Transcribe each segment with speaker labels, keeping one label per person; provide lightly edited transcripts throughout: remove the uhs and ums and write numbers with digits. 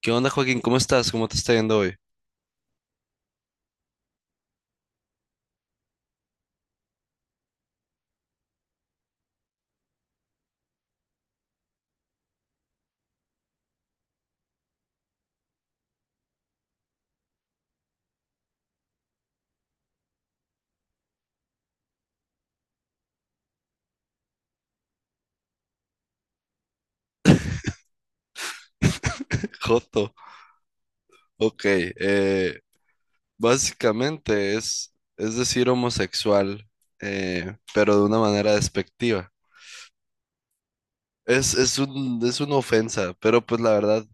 Speaker 1: ¿Qué onda, Joaquín? ¿Cómo estás? ¿Cómo te está yendo hoy? Joto. Ok. eh, Básicamente es decir homosexual, pero de una manera despectiva. Es una ofensa, pero pues la verdad,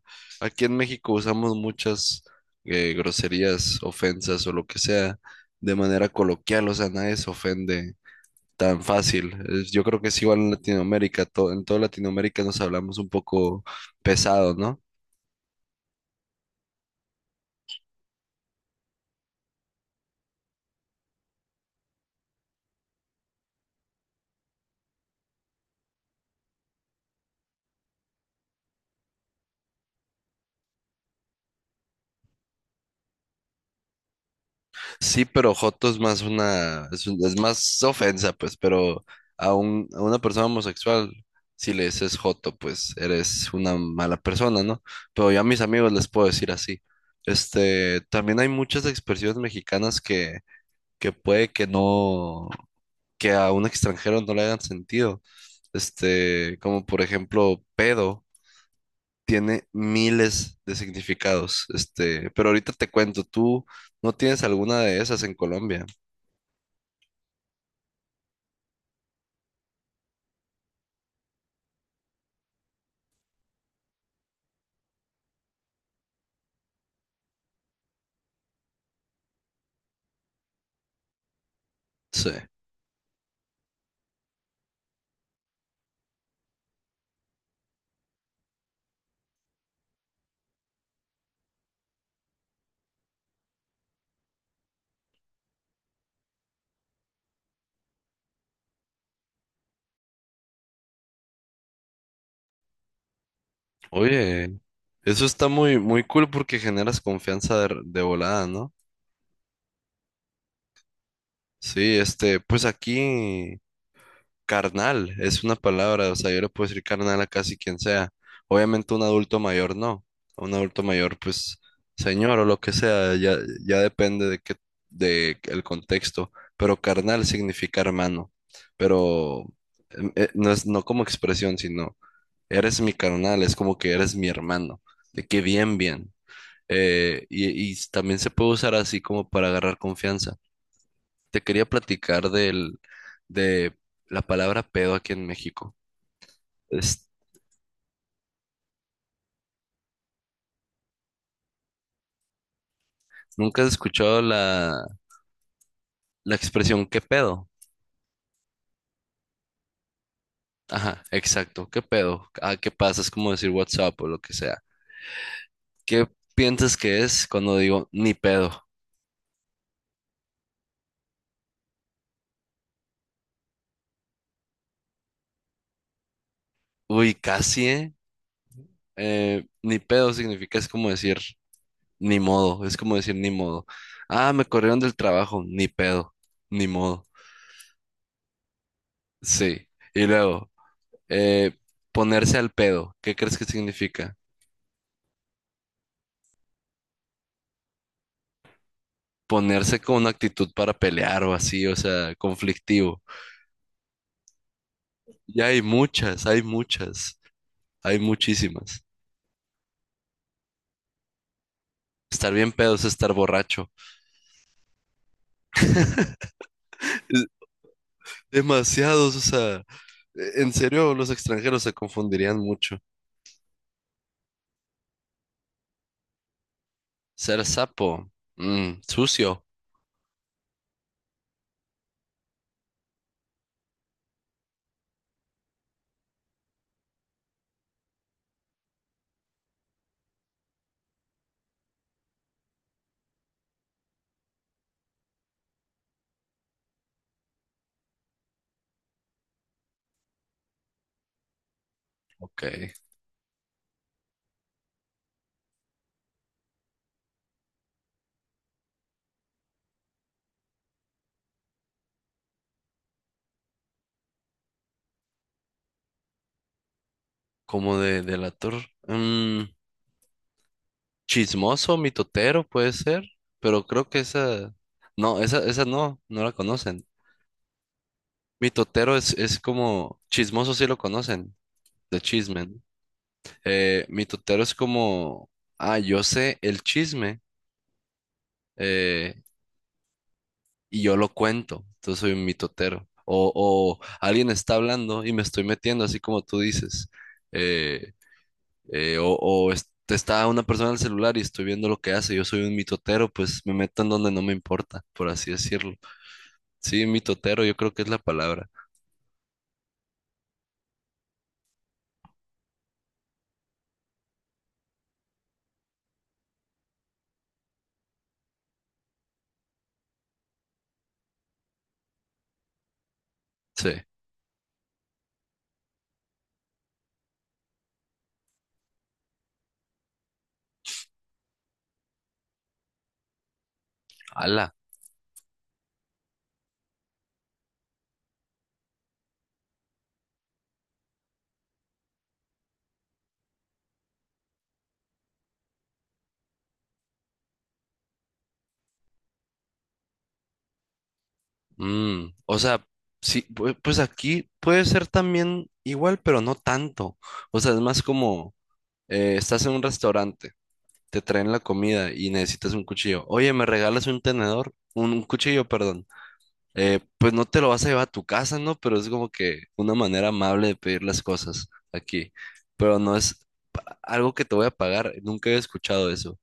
Speaker 1: aquí en México usamos muchas groserías, ofensas o lo que sea de manera coloquial, o sea, nadie se ofende tan fácil. Yo creo que es igual en Latinoamérica, en toda Latinoamérica nos hablamos un poco pesado, ¿no? Sí, pero joto es más una, es más ofensa, pues, pero a una persona homosexual, si le dices joto, pues eres una mala persona, ¿no? Pero yo a mis amigos les puedo decir así. Este, también hay muchas expresiones mexicanas que puede que no, que a un extranjero no le hagan sentido. Este, como por ejemplo, pedo tiene miles de significados. Este, pero ahorita te cuento, ¿tú no tienes alguna de esas en Colombia? Sí. Oye, eso está muy, muy cool porque generas confianza de volada, ¿no? Sí, este, pues aquí carnal es una palabra, o sea, yo le puedo decir carnal a casi quien sea. Obviamente un adulto mayor no. A un adulto mayor, pues, señor o lo que sea, ya, ya depende de el contexto. Pero carnal significa hermano. Pero no no como expresión, sino eres mi carnal, es como que eres mi hermano. De que bien, bien. Y, y también se puede usar así como para agarrar confianza. Te quería platicar de la palabra pedo aquí en México. Es- ¿Nunca has escuchado la expresión qué pedo? Ajá, exacto, qué pedo. Ah, ¿qué pasa? Es como decir WhatsApp o lo que sea. ¿Qué piensas que es cuando digo ni pedo? Uy, casi, ¿eh? Ni pedo significa es como decir ni modo, es como decir ni modo. Ah, me corrieron del trabajo, ni pedo, ni modo. Sí. Y luego, eh, ponerse al pedo. ¿Qué crees que significa? Ponerse con una actitud para pelear o así, o sea, conflictivo. Y hay muchas, hay muchísimas. Estar bien pedo es estar borracho. Es- Demasiados, o sea, en serio, los extranjeros se confundirían mucho. Ser sapo, mm, sucio, ok. Como de delator, chismoso, mitotero puede ser, pero creo que esa, no, esa no, no la conocen. Mitotero es como, chismoso sí lo conocen, de chisme. ¿No? Mitotero es como, ah, yo sé el chisme eh, y yo lo cuento, entonces soy un mitotero. O alguien está hablando y me estoy metiendo, así como tú dices. Eh, o está una persona en el celular y estoy viendo lo que hace, yo soy un mitotero, pues me meto en donde no me importa, por así decirlo. Sí, mitotero, yo creo que es la palabra. Sí. Ala. Mm, o sea, sí, pues aquí puede ser también igual, pero no tanto. O sea, es más como estás en un restaurante, te traen la comida y necesitas un cuchillo. Oye, ¿me regalas un tenedor? Un cuchillo, perdón. Pues no te lo vas a llevar a tu casa, ¿no? Pero es como que una manera amable de pedir las cosas aquí. Pero no es algo que te voy a pagar. Nunca he escuchado eso.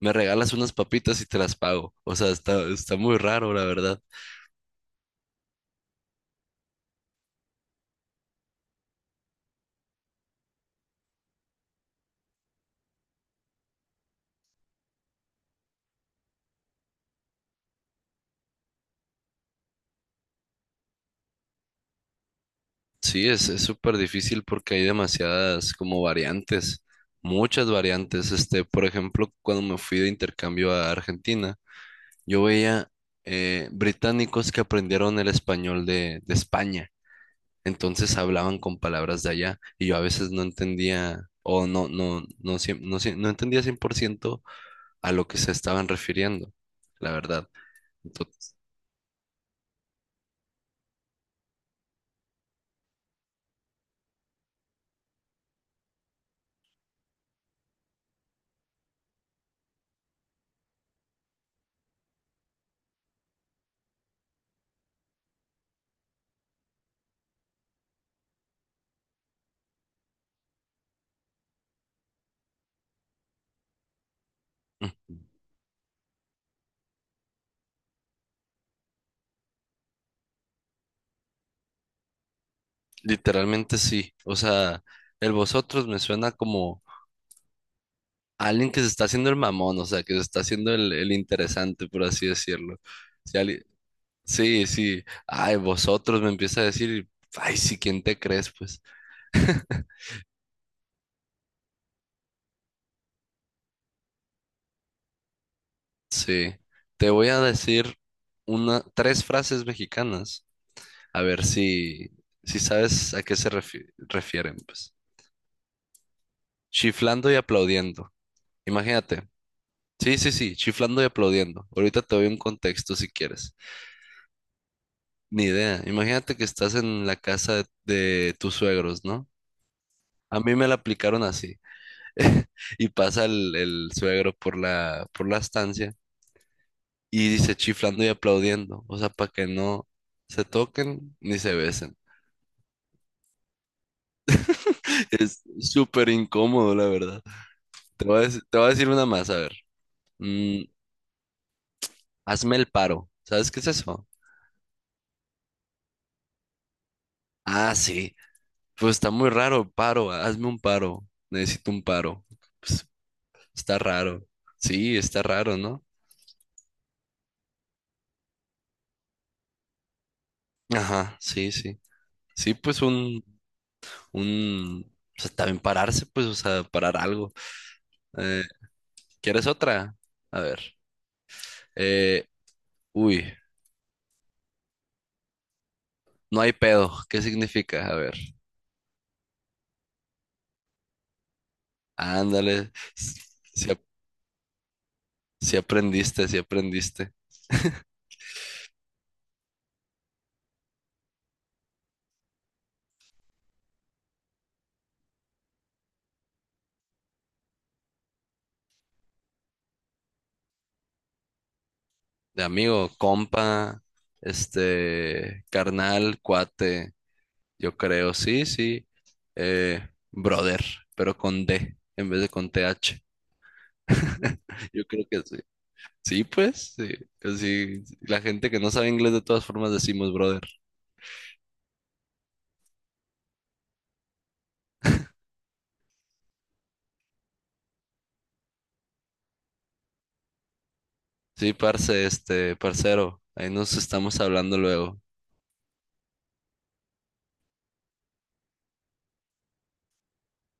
Speaker 1: Me regalas unas papitas y te las pago. O sea, está muy raro, la verdad. Sí, es súper difícil porque hay demasiadas como variantes, muchas variantes. Este, por ejemplo, cuando me fui de intercambio a Argentina, yo veía británicos que aprendieron el español de España. Entonces hablaban con palabras de allá y yo a veces no entendía o no, no entendía 100% a lo que se estaban refiriendo, la verdad. Entonces, literalmente sí. O sea, el vosotros me suena como alguien que se está haciendo el mamón, o sea, que se está haciendo el interesante, por así decirlo. Si alguien- Sí, sí. Ay, vosotros me empieza a decir, y, ay, sí, ¿quién te crees? Pues sí. Te voy a decir tres frases mexicanas, a ver si, si sabes a qué refieren, pues. Chiflando y aplaudiendo. Imagínate. Sí, sí, sí, chiflando y aplaudiendo. Ahorita te doy un contexto si quieres. Ni idea. Imagínate que estás en la casa de tus suegros, ¿no? A mí me la aplicaron así. Y pasa el suegro por por la estancia y dice chiflando y aplaudiendo. O sea, para que no se toquen ni se besen. Es súper incómodo, la verdad. Te voy a decir una más, a ver. Mm, hazme el paro. ¿Sabes qué es eso? Ah, sí. Pues está muy raro, paro. Hazme un paro. Necesito un paro. Pues, está raro. Sí, está raro, ¿no? Ajá, sí, sí. Sí, pues un, o sea, también pararse, pues, o sea, parar algo. Eh, ¿Quieres otra? A ver. Eh, uy, no hay pedo. ¿Qué significa? A ver. Ándale. Si, si si aprendiste, si aprendiste. De amigo, compa, este, carnal, cuate, yo creo, sí, sí. Eh, brother, pero con D en vez de con TH. Yo creo que sí. Sí, pues, sí. Así, la gente que no sabe inglés de todas formas decimos brother. Sí, parce, este, parcero, ahí nos estamos hablando luego.